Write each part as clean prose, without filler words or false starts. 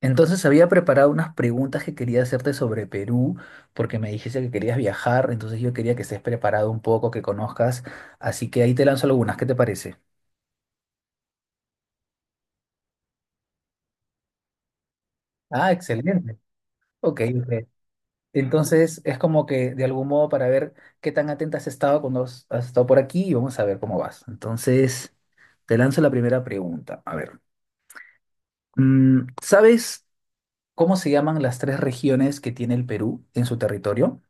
Entonces había preparado unas preguntas que quería hacerte sobre Perú, porque me dijiste que querías viajar, entonces yo quería que estés preparado un poco, que conozcas, así que ahí te lanzo algunas, ¿qué te parece? Ah, excelente. Ok, ok. Entonces es como que de algún modo para ver qué tan atenta has estado cuando has estado por aquí y vamos a ver cómo vas. Entonces te lanzo la primera pregunta. A ver, ¿sabes cómo se llaman las tres regiones que tiene el Perú en su territorio?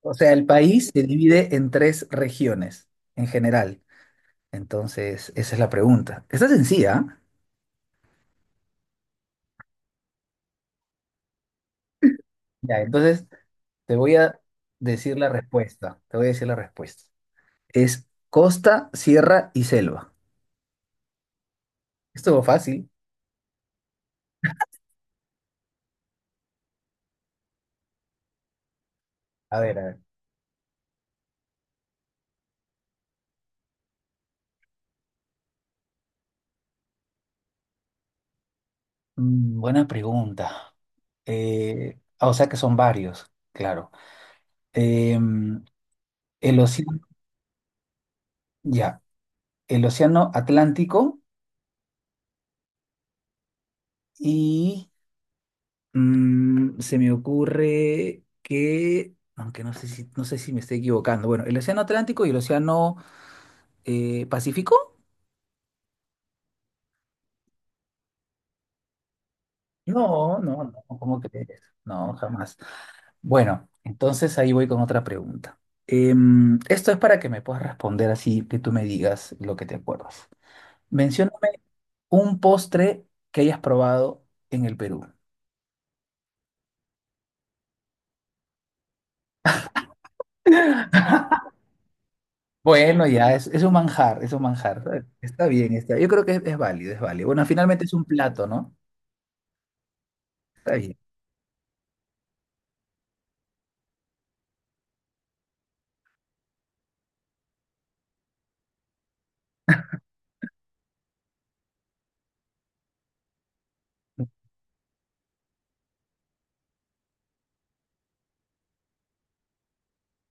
O sea, el país se divide en tres regiones en general. Entonces, esa es la pregunta. Está sencilla, ¿ah? Ya, entonces te voy a decir la respuesta. Te voy a decir la respuesta. Es costa, sierra y selva. Estuvo fácil. A ver, a ver. Buena pregunta. O sea que son varios, claro. Em, el océano, ya, el océano Atlántico y se me ocurre que, aunque no sé si me estoy equivocando, bueno, el Océano Atlántico y el Océano Pacífico. No, no, no, ¿cómo crees? No, jamás. Bueno, entonces ahí voy con otra pregunta. Esto es para que me puedas responder así, que tú me digas lo que te acuerdas. Mencióname un postre que hayas probado en el Perú. Bueno, ya, es un manjar, es un manjar. Está bien, está. Yo creo que es válido, es válido. Bueno, finalmente es un plato, ¿no? Está bien.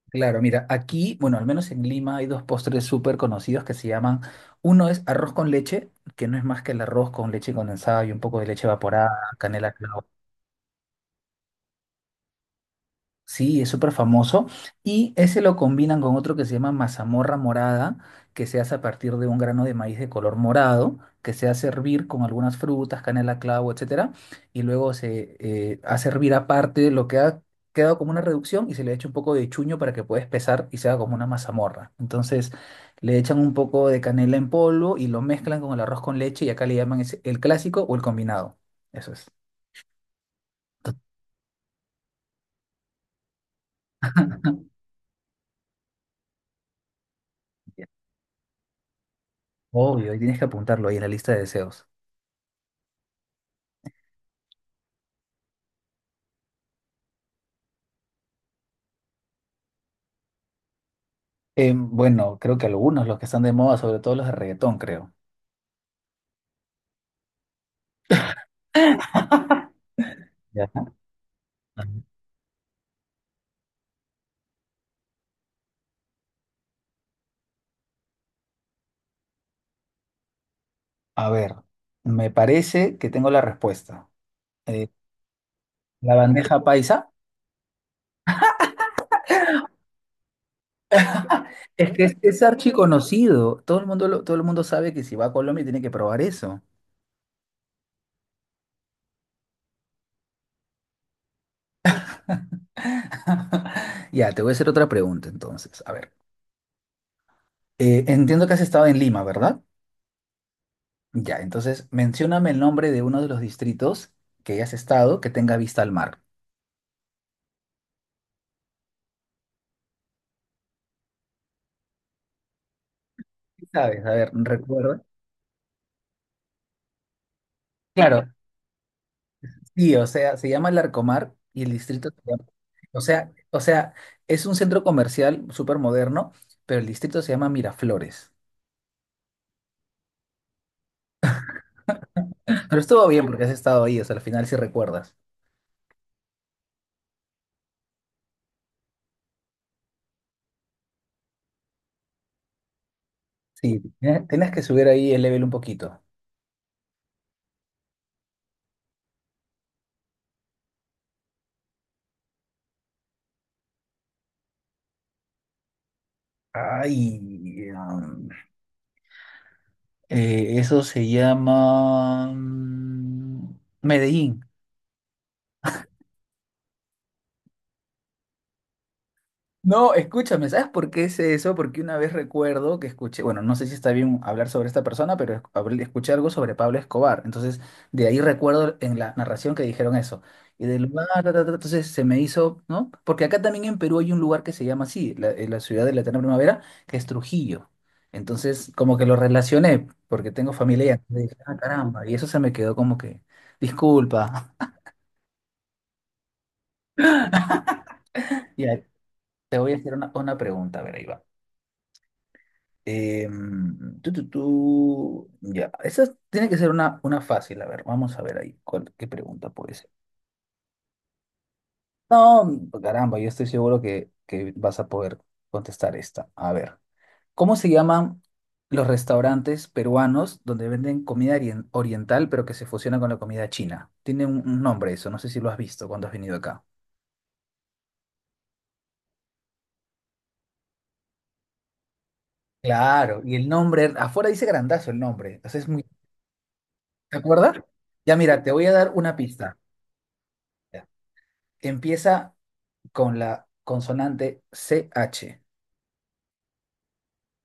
Claro, mira, aquí, bueno, al menos en Lima hay dos postres súper conocidos que se llaman, uno es arroz con leche, que no es más que el arroz con leche condensada y un poco de leche evaporada, canela, clavo. Sí, es súper famoso. Y ese lo combinan con otro que se llama mazamorra morada, que se hace a partir de un grano de maíz de color morado, que se hace hervir con algunas frutas, canela, clavo, etcétera. Y luego se hace hervir aparte lo que ha quedado como una reducción y se le echa un poco de chuño para que pueda espesar y se haga como una mazamorra. Entonces le echan un poco de canela en polvo y lo mezclan con el arroz con leche y acá le llaman el clásico o el combinado. Eso es. Obvio, y tienes que apuntarlo ahí en la lista de deseos. Bueno, creo que algunos, los que están de moda, sobre todo los de reggaetón, creo. Ya. A ver, me parece que tengo la respuesta. Eh, la bandeja paisa, es archiconocido. Todo el mundo todo el mundo sabe que si va a Colombia tiene que probar eso. Ya, te voy a hacer otra pregunta entonces. A ver, entiendo que has estado en Lima, ¿verdad? Ya, entonces mencióname el nombre de uno de los distritos que hayas estado que tenga vista al mar. ¿Sabes? A ver, recuerda. Claro, sí, o sea, se llama Larcomar y el distrito se llama, o sea, es un centro comercial súper moderno, pero el distrito se llama Miraflores. Pero estuvo bien porque has estado ahí, o sea, al final sí recuerdas. Sí, tenías que subir ahí el level un poquito. Ay, eso se llama Medellín. No, escúchame, ¿sabes por qué es eso? Porque una vez recuerdo que escuché, bueno, no sé si está bien hablar sobre esta persona, pero escuché algo sobre Pablo Escobar. Entonces, de ahí recuerdo en la narración que dijeron eso. Y del lugar, ta, ta, ta, entonces se me hizo, ¿no? Porque acá también en Perú hay un lugar que se llama así, la ciudad de la eterna primavera, que es Trujillo. Entonces, como que lo relacioné, porque tengo familia y entonces dije, ah, caramba, y eso se me quedó como que, disculpa. Y te voy a hacer una pregunta, a ver, ahí va. Ya, esa tiene que ser una fácil. A ver, vamos a ver ahí qué pregunta puede ser. No, caramba, yo estoy seguro que vas a poder contestar esta. A ver, ¿cómo se llaman los restaurantes peruanos donde venden comida oriental pero que se fusiona con la comida china? Tiene un nombre eso, no sé si lo has visto cuando has venido acá. Claro, y el nombre, afuera dice grandazo el nombre, entonces es muy... ¿Te acuerdas? Ya mira, te voy a dar una pista. Ya. Empieza con la consonante CH.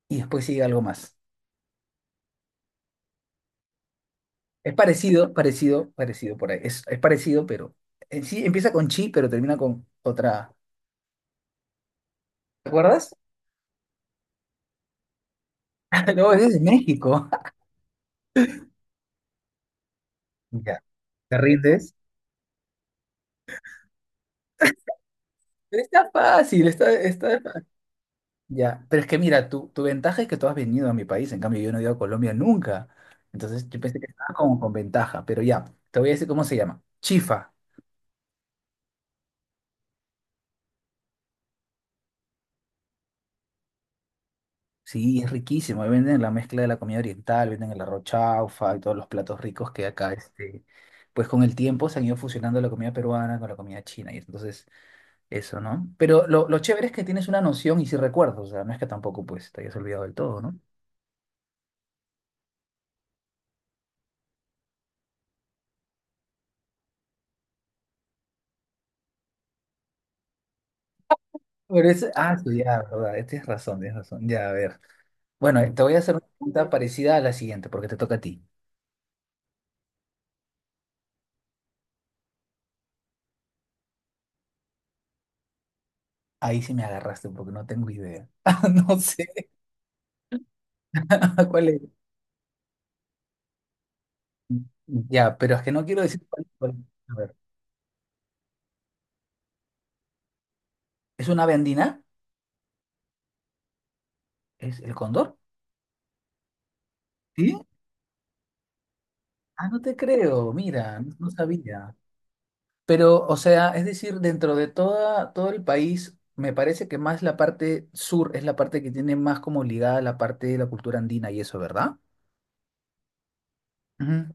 Y después sigue algo más. Es parecido, parecido, parecido por ahí. Es parecido, pero en sí empieza con chi, pero termina con otra. ¿Te acuerdas? No, es de México. Ya, ¿te rindes? Pero está fácil, ya, pero es que mira, tu ventaja es que tú has venido a mi país, en cambio yo no he ido a Colombia nunca. Entonces yo pensé que estaba como con ventaja, pero ya, te voy a decir cómo se llama. Chifa. Sí, es riquísimo. Ahí venden la mezcla de la comida oriental, venden el arroz chaufa y todos los platos ricos que acá, pues con el tiempo se han ido fusionando la comida peruana con la comida china y entonces eso, ¿no? Pero lo chévere es que tienes una noción y si recuerdas, o sea, no es que tampoco pues te hayas olvidado del todo, ¿no? Pero es, ah, sí, ya, verdad, tienes razón, tienes razón. Ya, a ver. Bueno, te voy a hacer una pregunta parecida a la siguiente porque te toca a ti. Ahí sí me agarraste porque no tengo idea. No sé cuál es. Ya, pero es que no quiero decir cuál. A ver. ¿Es una ave andina? ¿Es el cóndor? ¿Sí? Ah, no te creo, mira, no sabía. Pero, o sea, es decir, todo el país, me parece que más la parte sur es la parte que tiene más como ligada a la parte de la cultura andina y eso, ¿verdad? Ujú,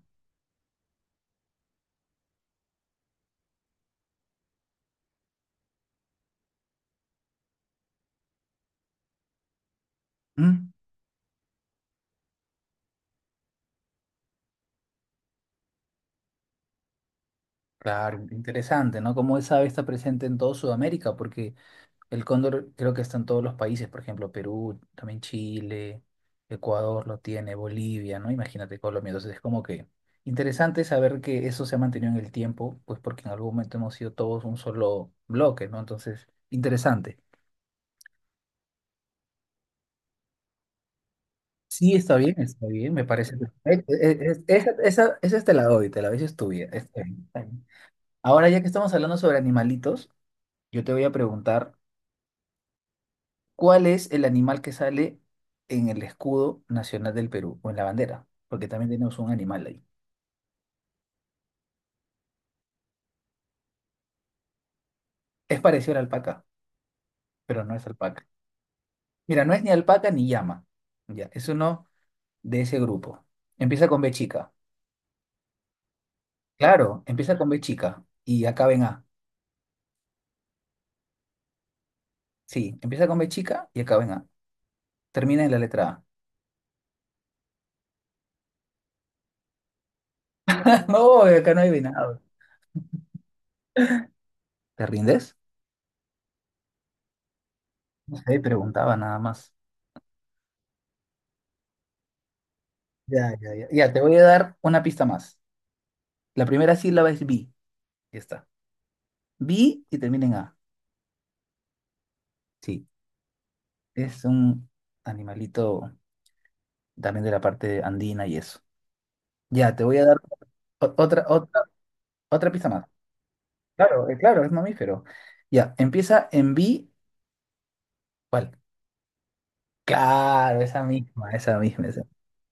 ujú. Claro, interesante, ¿no? Como esa ave está presente en toda Sudamérica, porque el cóndor creo que está en todos los países, por ejemplo, Perú, también Chile, Ecuador lo tiene, Bolivia, ¿no? Imagínate Colombia. Entonces es como que interesante saber que eso se ha mantenido en el tiempo, pues porque en algún momento hemos sido todos un solo bloque, ¿no? Entonces, interesante. Sí, está bien, me parece perfecto. Esa, esa te la doy, esa es tuya. Está bien, está bien. Ahora, ya que estamos hablando sobre animalitos, yo te voy a preguntar. ¿Cuál es el animal que sale en el escudo nacional del Perú o en la bandera? Porque también tenemos un animal ahí. Es parecido a la alpaca, pero no es alpaca. Mira, no es ni alpaca ni llama. Ya, es uno de ese grupo. Empieza con B chica. Claro, empieza con B chica y acaba en A. Sí, empieza con B chica y acaba en A. Termina en la letra A. No, acá no hay venado. ¿Te rindes? No sé, preguntaba nada más. Ya, ya, ya. Ya, te voy a dar una pista más. La primera sílaba es B. Ya está. B y termina en A. Sí, es un animalito también de la parte andina y eso. Ya, te voy a dar o- otra, otra, otra pista más. Claro, claro, es mamífero. Ya, empieza en B. ¿Cuál? Claro, esa misma, esa misma, esa.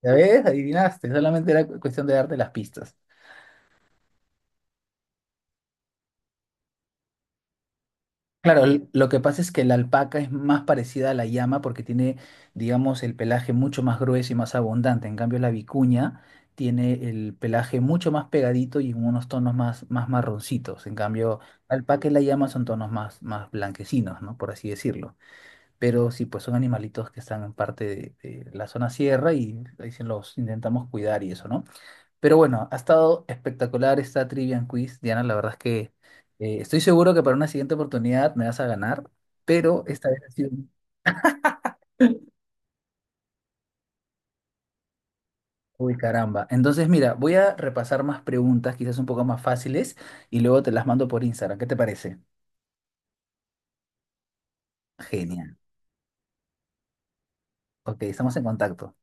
¿Ya ves? Adivinaste, solamente era cuestión de darte las pistas. Claro, lo que pasa es que la alpaca es más parecida a la llama porque tiene, digamos, el pelaje mucho más grueso y más abundante. En cambio, la vicuña tiene el pelaje mucho más pegadito y en unos tonos más, más marroncitos. En cambio, la alpaca y la llama son tonos más, más blanquecinos, ¿no? Por así decirlo. Pero sí, pues son animalitos que están en parte de la zona sierra y ahí se los intentamos cuidar y eso, ¿no? Pero bueno, ha estado espectacular esta Trivia and Quiz, Diana. La verdad es que estoy seguro que para una siguiente oportunidad me vas a ganar, pero esta vez ha sido... Uy, caramba. Entonces, mira, voy a repasar más preguntas, quizás un poco más fáciles, y luego te las mando por Instagram. ¿Qué te parece? Genial. Ok, estamos en contacto.